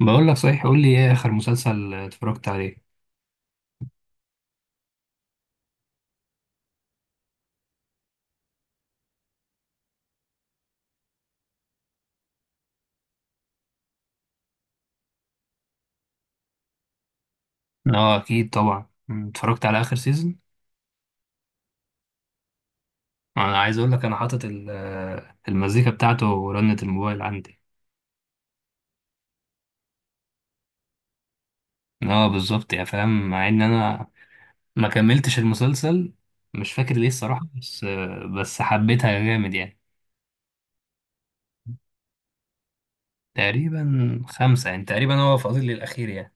بقول لك صحيح، قول لي ايه اخر مسلسل اتفرجت عليه؟ اه اكيد طبعا، اتفرجت على اخر سيزون. انا عايز اقول لك انا حاطط المزيكا بتاعته ورنة الموبايل عندي. اه بالظبط يا فاهم، مع ان انا ما كملتش المسلسل. مش فاكر ليه الصراحة، بس حبيتها جامد يعني. تقريبا خمسة يعني، تقريبا هو فاضل لي الأخير يعني.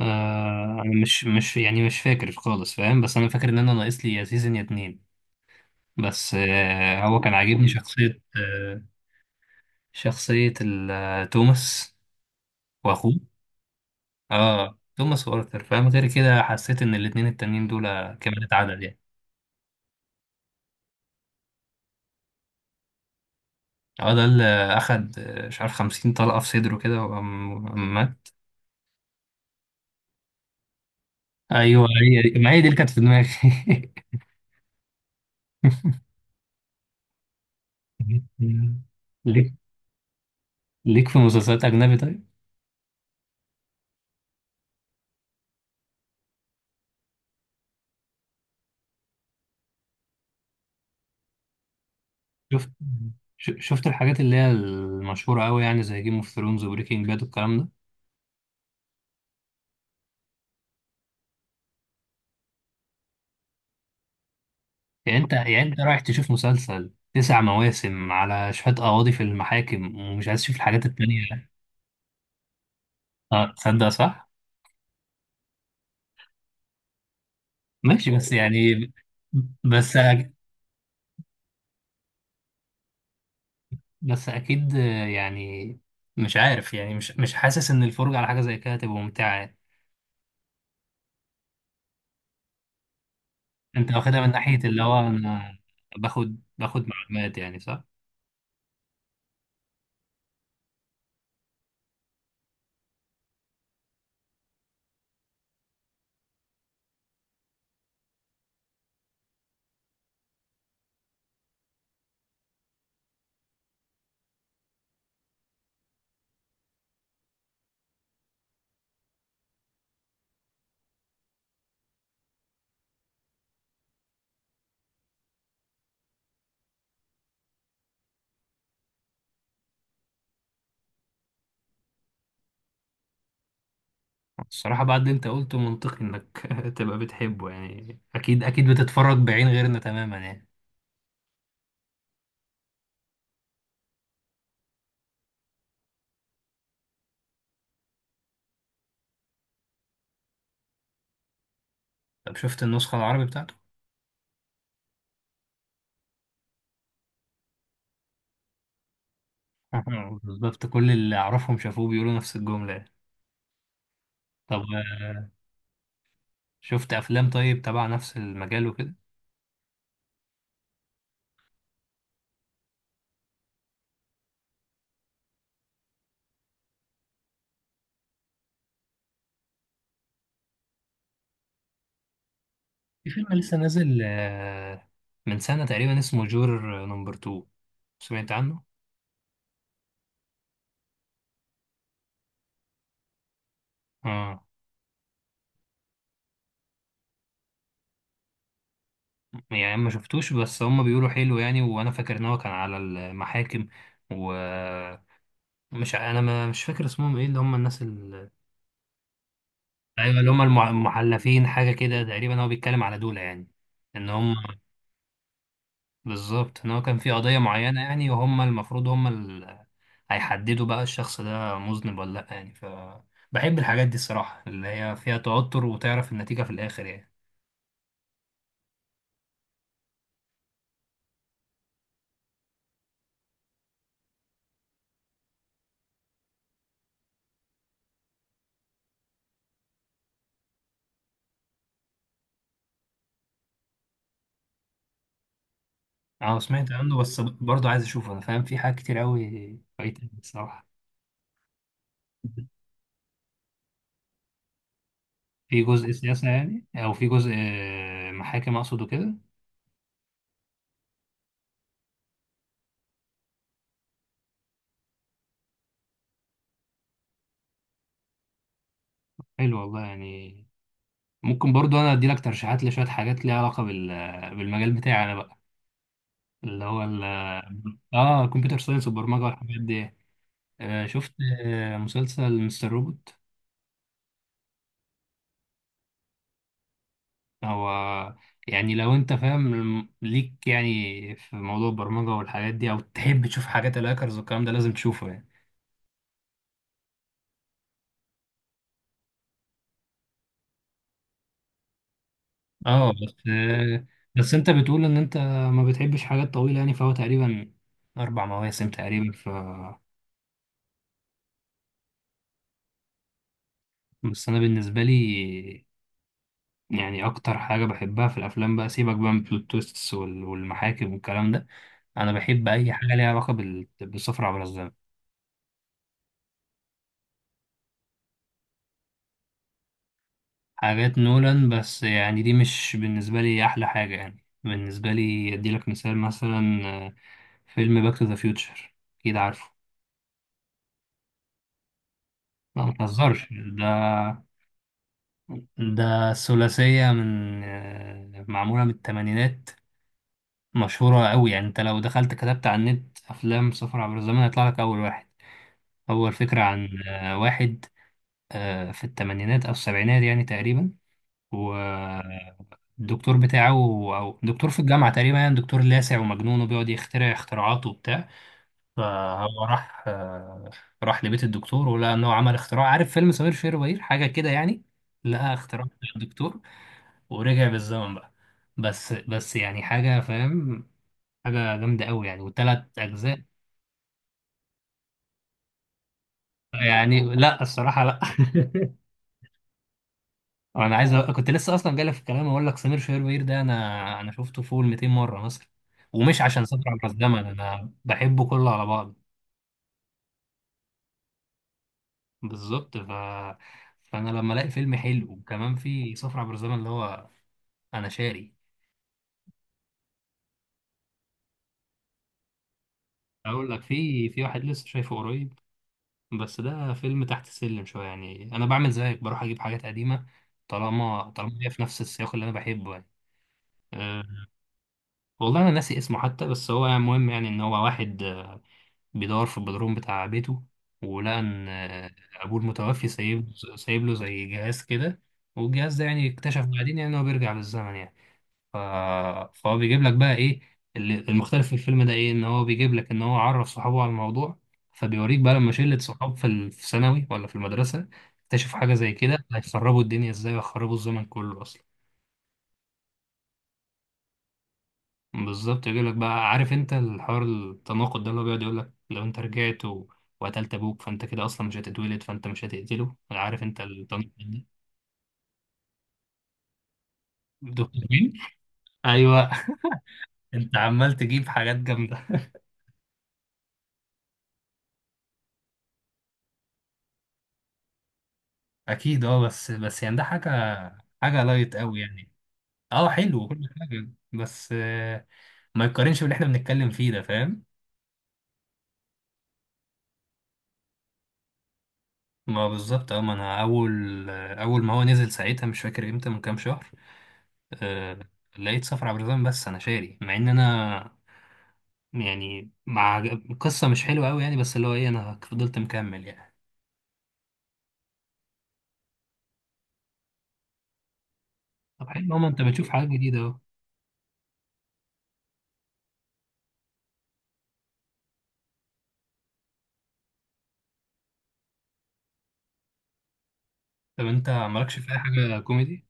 أنا مش يعني مش فاكر خالص فاهم، بس أنا فاكر إن أنا ناقص لي يا سيزون يا اتنين. بس هو كان عاجبني شخصية توماس وأخوه. اه توماس وارثر فاهم، غير كده حسيت إن الاتنين التانيين دول كمالة عدد يعني. اه ده اللي أخد مش عارف 50 طلقة في صدره كده، وقام مات. أيوه هي دي، ما هي دي اللي كانت في دماغي. ليك ليك في مسلسلات أجنبي طيب؟ شفت شفت الحاجات اللي هي المشهورة أوي يعني، زي جيم اوف ثرونز وبريكنج باد والكلام ده؟ يعني انت رايح تشوف مسلسل 9 مواسم على شوية قواضي في المحاكم، ومش عايز تشوف الحاجات التانية؟ اه تصدق صح؟ ماشي بس يعني. بس بس اكيد يعني مش عارف يعني مش حاسس ان الفرجة على حاجة زي كده تبقى ممتعة يعني. انت واخدها من ناحية اللي هو انا باخد معلومات يعني، صح؟ الصراحة بعد اللي انت قلته منطقي انك تبقى بتحبه يعني، اكيد اكيد بتتفرج بعين غيرنا تماما يعني. طب شفت النسخة العربي بتاعته؟ بالظبط، كل اللي أعرفهم شافوه بيقولوا نفس الجملة. طب، شفت أفلام طيب تبع نفس المجال وكده؟ في فيلم لسه نازل من سنة تقريبا اسمه جور نمبر 2، سمعت عنه؟ اه يعني ما شفتوش، بس هم بيقولوا حلو يعني، وانا فاكر ان هو كان على المحاكم ومش... انا ما مش فاكر اسمهم ايه، اللي هم الناس ال... ايوه اللي هم المحلفين حاجه كده تقريبا، هو بيتكلم على دول يعني. ان هم، بالظبط ان هو كان في قضية معينة يعني، وهم المفروض اللي هيحددوا بقى الشخص ده مذنب ولا لا يعني ف... بحب الحاجات دي الصراحة، اللي هي فيها توتر وتعرف النتيجة في الآخر يعني. اه سمعت عنه بس برضه عايز اشوفه، انا فاهم في حاجات كتير قوي فايتة الصراحة. في جزء سياسة يعني، او في جزء محاكم اقصد وكده؟ حلو والله يعني. ممكن برضه انا ادي لك ترشيحات لشوية حاجات ليها علاقة بال... بالمجال بتاعي انا بقى، اللي هو ال... اه كمبيوتر ساينس والبرمجة والحاجات دي. شفت مسلسل مستر روبوت؟ هو يعني لو انت فاهم ليك يعني في موضوع البرمجة والحاجات دي، او تحب تشوف حاجات الهاكرز والكلام ده لازم تشوفه يعني. اه بس انت بتقول ان انت ما بتحبش حاجات طويلة يعني، فهو تقريبا 4 مواسم تقريبا ف... بس انا بالنسبة لي يعني اكتر حاجة بحبها في الافلام بقى، سيبك بقى من بلوت تويستس والمحاكم والكلام ده. انا بحب اي حاجة ليها علاقة بالسفر عبر الزمن. حاجات نولان بس يعني دي مش بالنسبة لي أحلى حاجة يعني. بالنسبة لي أديلك مثال مثلا، فيلم باك تو ذا فيوتشر، أكيد عارفه. لا متهزرش ده. ده ثلاثية من معمولة من التمانينات، مشهورة أوي يعني. أنت لو دخلت كتبت على النت أفلام سفر عبر الزمن هيطلع لك أول واحد. هو الفكرة عن واحد في التمانينات أو السبعينات يعني تقريبا. والدكتور بتاعه او دكتور في الجامعه تقريبا يعني، دكتور لاسع ومجنون وبيقعد يخترع اختراعات وبتاع. فهو راح لبيت الدكتور ولقى ان هو عمل اختراع، عارف فيلم سمير وشهير وبهير حاجه كده يعني. لقى اختراع الدكتور ورجع بالزمن بقى. بس يعني حاجه فاهم، حاجه جامده قوي يعني، وثلاث اجزاء. يعني لا الصراحه لا. انا عايز أ... كنت لسه اصلا جاي في الكلام اقول لك سمير شهير ده انا... انا شفته فوق ال 200 مره مثلا، ومش عشان سفر عبر الزمن انا بحبه كله على بعض. بالظبط ف... فانا لما الاقي فيلم حلو وكمان في سفر عبر الزمن اللي هو، انا شاري. اقول لك، في واحد لسه شايفه قريب، بس ده فيلم تحت السلم شويه يعني، انا بعمل زيك بروح اجيب حاجات قديمه. طالما هي في نفس السياق اللي انا بحبه يعني. أه. والله انا ناسي اسمه حتى، بس هو مهم يعني، ان هو واحد بيدور في البدروم بتاع بيته. ولقى إن أبوه المتوفي سايب له زي جهاز كده. والجهاز ده يعني اكتشف بعدين يعني إن هو بيرجع بالزمن يعني. ف... فهو بيجيب لك بقى إيه المختلف في الفيلم ده إيه، إن هو بيجيب لك إن هو عرف صحابه على الموضوع. فبيوريك بقى لما شلة صحاب في ثانوي ولا في المدرسة، اكتشفوا حاجة زي كده هيخربوا الدنيا إزاي، ويخربوا الزمن كله أصلا. بالظبط، يجي لك بقى عارف انت الحوار التناقض ده، اللي هو بيقعد يقول لك لو انت رجعت و... وقتلت ابوك فانت كده اصلا مش هتتولد، فانت مش هتقتله، عارف انت التناقض ده. دكتور مين؟ ايوه. انت عمال تجيب حاجات جامده. اكيد اه، بس يعني ده حاجه لايت قوي يعني. اه حلو وكل حاجه، بس ما يتقارنش باللي احنا بنتكلم فيه ده، فاهم. ما بالظبط اه، ما انا اول ما هو نزل ساعتها مش فاكر امتى، من كام شهر. آه، لقيت صفر عبد الرحمن، بس انا شاري، مع ان انا يعني مع القصة مش حلوة قوي يعني، بس اللي هو ايه انا فضلت مكمل يعني. طب حلو ماما، انت بتشوف حاجات جديدة اهو. طب انت مالكش في اي حاجة كوميدي؟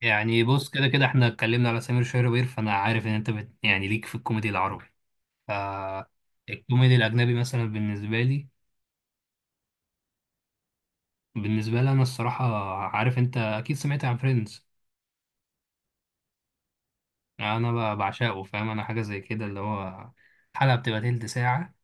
يعني بص، كده كده احنا اتكلمنا على سمير شهربير، فانا عارف ان انت بت... يعني ليك في الكوميدي العربي، فالكوميدي الاجنبي مثلا بالنسبة لي... بالنسبة لي انا الصراحة، عارف انت اكيد سمعت عن فريندز. انا بعشقه فاهم، انا حاجة زي كده اللي هو حلقة بتبقى تلت ساعة،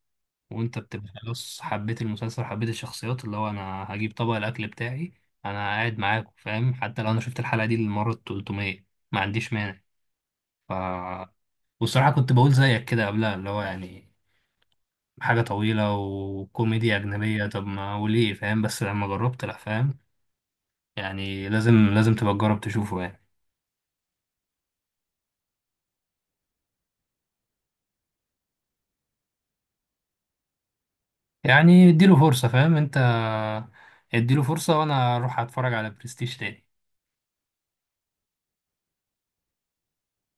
وانت بتبقى خلاص حبيت المسلسل حبيت الشخصيات، اللي هو انا هجيب طبق الاكل بتاعي انا قاعد معاكم فاهم، حتى لو انا شفت الحلقه دي للمره ال 300 ما عنديش مانع ف... والصراحه كنت بقول زيك كده قبلها، اللي هو يعني حاجه طويله وكوميديا اجنبيه، طب ما وليه فاهم، بس لما جربت لا فاهم. يعني لازم، لازم تبقى تجرب تشوفه يعني. يعني اديله فرصه فاهم انت، اديله فرصه، وانا اروح اتفرج على برستيج تاني.